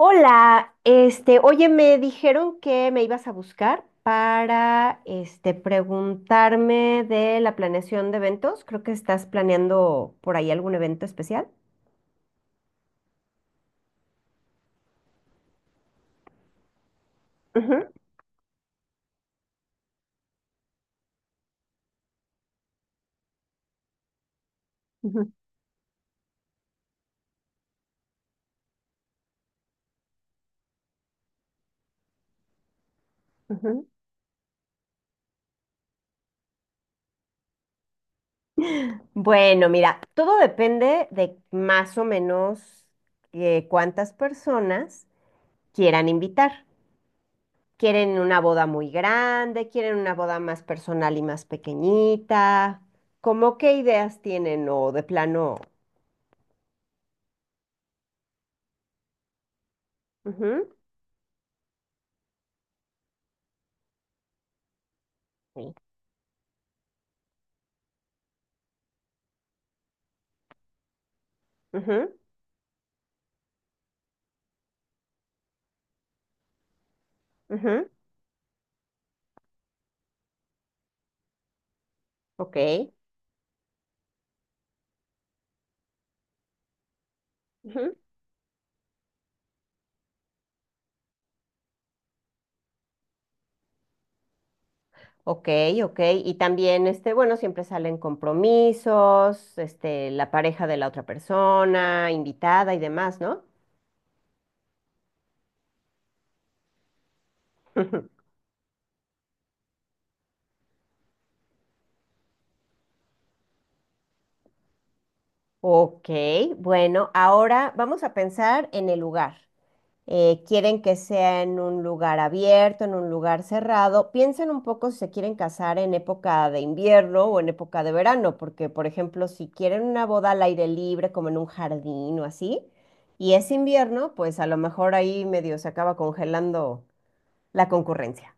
Hola, oye, me dijeron que me ibas a buscar para, preguntarme de la planeación de eventos. Creo que estás planeando por ahí algún evento especial. Ujú, ujú, ujú. Bueno, mira, todo depende de más o menos cuántas personas quieran invitar. ¿Quieren una boda muy grande? ¿Quieren una boda más personal y más pequeñita? ¿Cómo qué ideas tienen o de plano? Ujú. Sí. Ujú, ujú, ok, ujú, ok, ok. Y también, bueno, siempre salen compromisos, la pareja de la otra persona, invitada y demás, ¿no? Ok, bueno, ahora vamos a pensar en el lugar. Quieren que sea en un lugar abierto, en un lugar cerrado. Piensen un poco si se quieren casar en época de invierno o en época de verano, porque, por ejemplo, si quieren una boda al aire libre, como en un jardín o así, y es invierno, pues a lo mejor ahí medio se acaba congelando la concurrencia.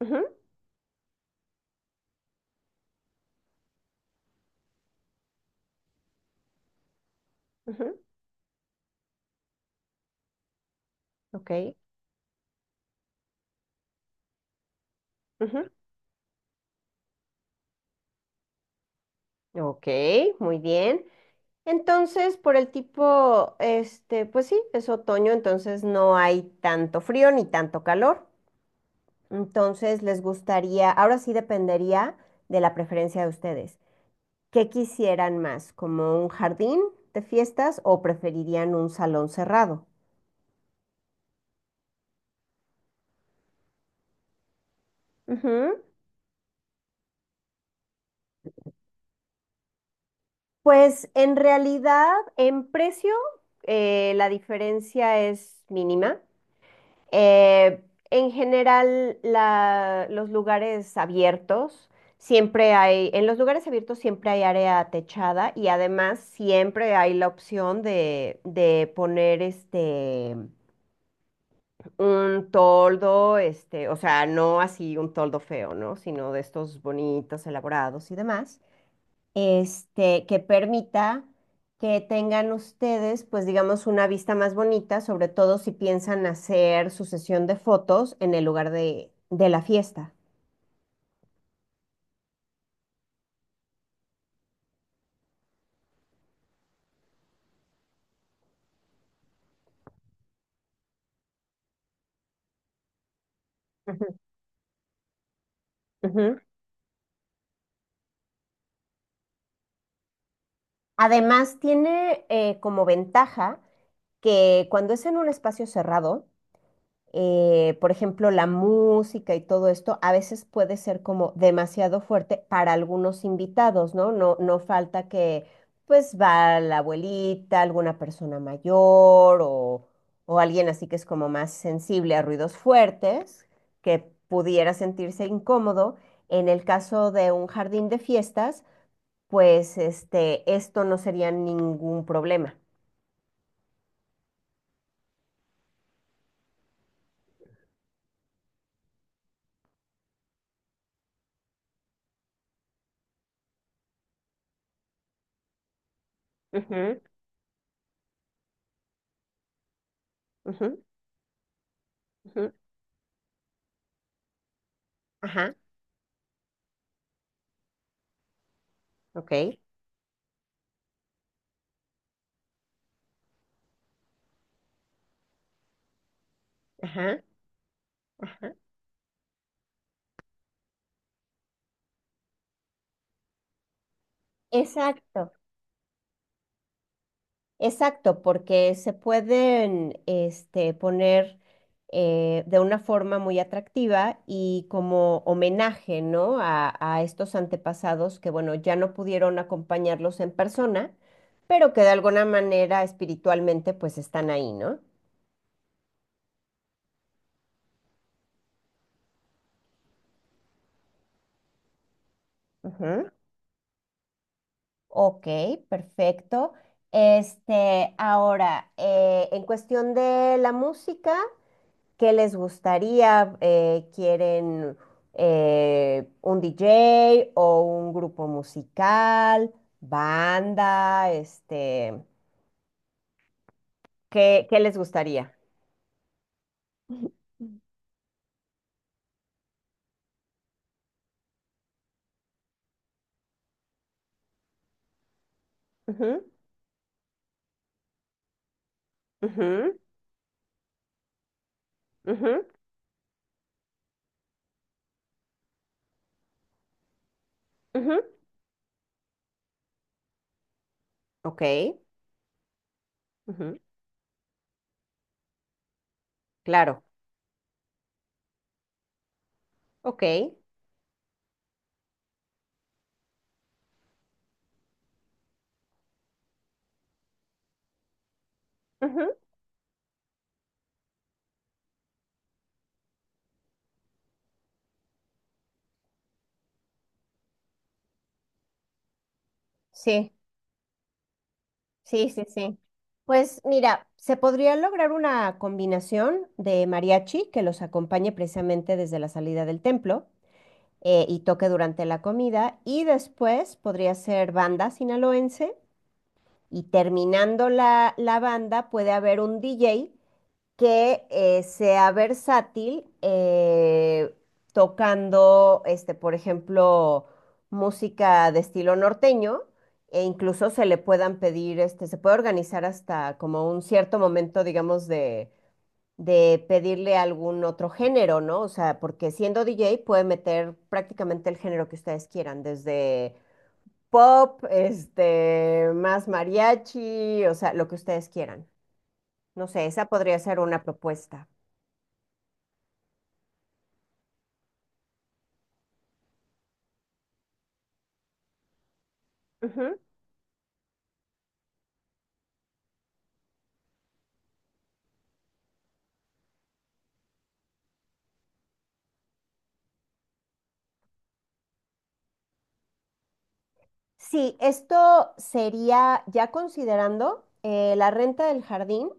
Ujú, ujú, ok, ujú, ok, muy bien. Entonces, por el tipo, pues sí, es otoño, entonces no hay tanto frío ni tanto calor. Entonces, les gustaría, ahora sí dependería de la preferencia de ustedes. ¿Qué quisieran más? ¿Como un jardín de fiestas o preferirían un salón cerrado? Ujú. Pues en realidad, en precio, la diferencia es mínima. Eh, en general, los lugares abiertos, en los lugares abiertos siempre hay área techada y además siempre hay la opción de poner un toldo, o sea, no así un toldo feo, ¿no? Sino de estos bonitos, elaborados y demás, que permita que tengan ustedes, pues digamos, una vista más bonita, sobre todo si piensan hacer su sesión de fotos en el lugar de la fiesta. Ujú, ujú. Además, tiene como ventaja que cuando es en un espacio cerrado, por ejemplo, la música y todo esto, a veces puede ser como demasiado fuerte para algunos invitados, ¿no? No, no falta que pues va la abuelita, alguna persona mayor o alguien así que es como más sensible a ruidos fuertes, que pudiera sentirse incómodo. En el caso de un jardín de fiestas, pues esto no sería ningún problema. Ujú, ujú, ujú. Ajá, ok. Ajá. Exacto, exacto, porque se pueden, poner de una forma muy atractiva y como homenaje, ¿no? A estos antepasados que, bueno, ya no pudieron acompañarlos en persona, pero que de alguna manera espiritualmente pues están ahí, ¿no? Ujú. Ok, perfecto. Ahora, en cuestión de la música. ¿Qué les gustaría? ¿Quieren un DJ o un grupo musical, banda, ¿qué, qué les gustaría? Ujú, ujú, ujú, ujú. Ok, ujú, claro, ok, ujú, sí, sí, sí, sí. Pues mira, se podría lograr una combinación de mariachi que los acompañe precisamente desde la salida del templo y toque durante la comida. Y después podría ser banda sinaloense. Y terminando la, la banda, puede haber un DJ que, sea versátil, tocando, por ejemplo, música de estilo norteño. E incluso se le puedan pedir, se puede organizar hasta como un cierto momento, digamos, de pedirle algún otro género, ¿no? O sea, porque siendo DJ puede meter prácticamente el género que ustedes quieran, desde pop, más mariachi, o sea, lo que ustedes quieran. No sé, esa podría ser una propuesta. Ujú. Sí, esto sería ya considerando la renta del jardín,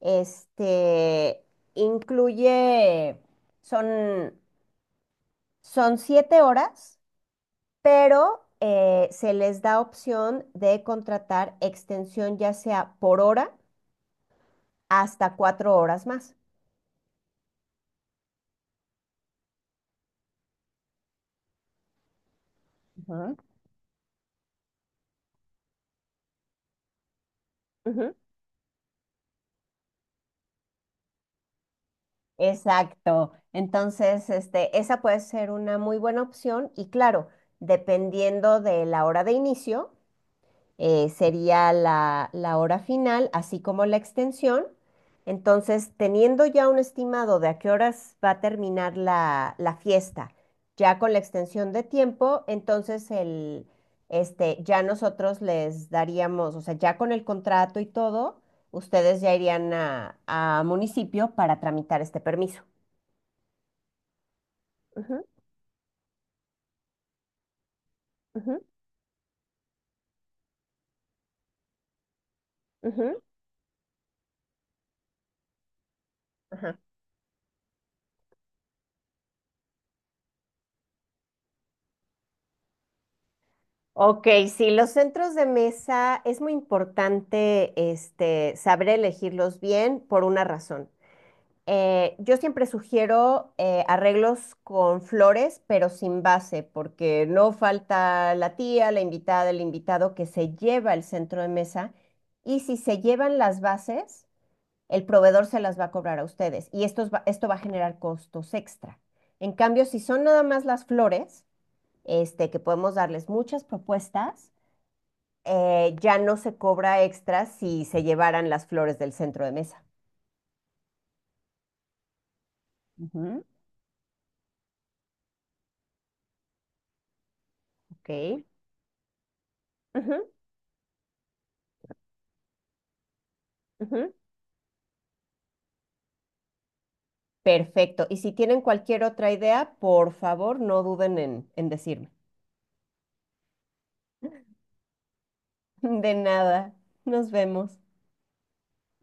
este, incluye, son, son 7 horas, pero se les da opción de contratar extensión ya sea por hora hasta 4 horas más. Ujú. Ujú. Exacto. Entonces, esa puede ser una muy buena opción y claro, dependiendo de la hora de inicio, sería la, la hora final, así como la extensión. Entonces, teniendo ya un estimado de a qué horas va a terminar la, la fiesta, ya con la extensión de tiempo, entonces el, ya nosotros les daríamos, o sea, ya con el contrato y todo, ustedes ya irían a municipio para tramitar este permiso. Ujú, ujú, ujú, ajá. Ok, sí, los centros de mesa es muy importante, saber elegirlos bien por una razón. Yo siempre sugiero arreglos con flores, pero sin base, porque no falta la tía, la invitada, el invitado que se lleva el centro de mesa. Y si se llevan las bases, el proveedor se las va a cobrar a ustedes. Y esto, esto va a generar costos extra. En cambio, si son nada más las flores, que podemos darles muchas propuestas, ya no se cobra extra si se llevaran las flores del centro de mesa. Ujú, ok. Ujú, ujú. Perfecto. Y si tienen cualquier otra idea, por favor, no duden en decirme. De nada. Nos vemos.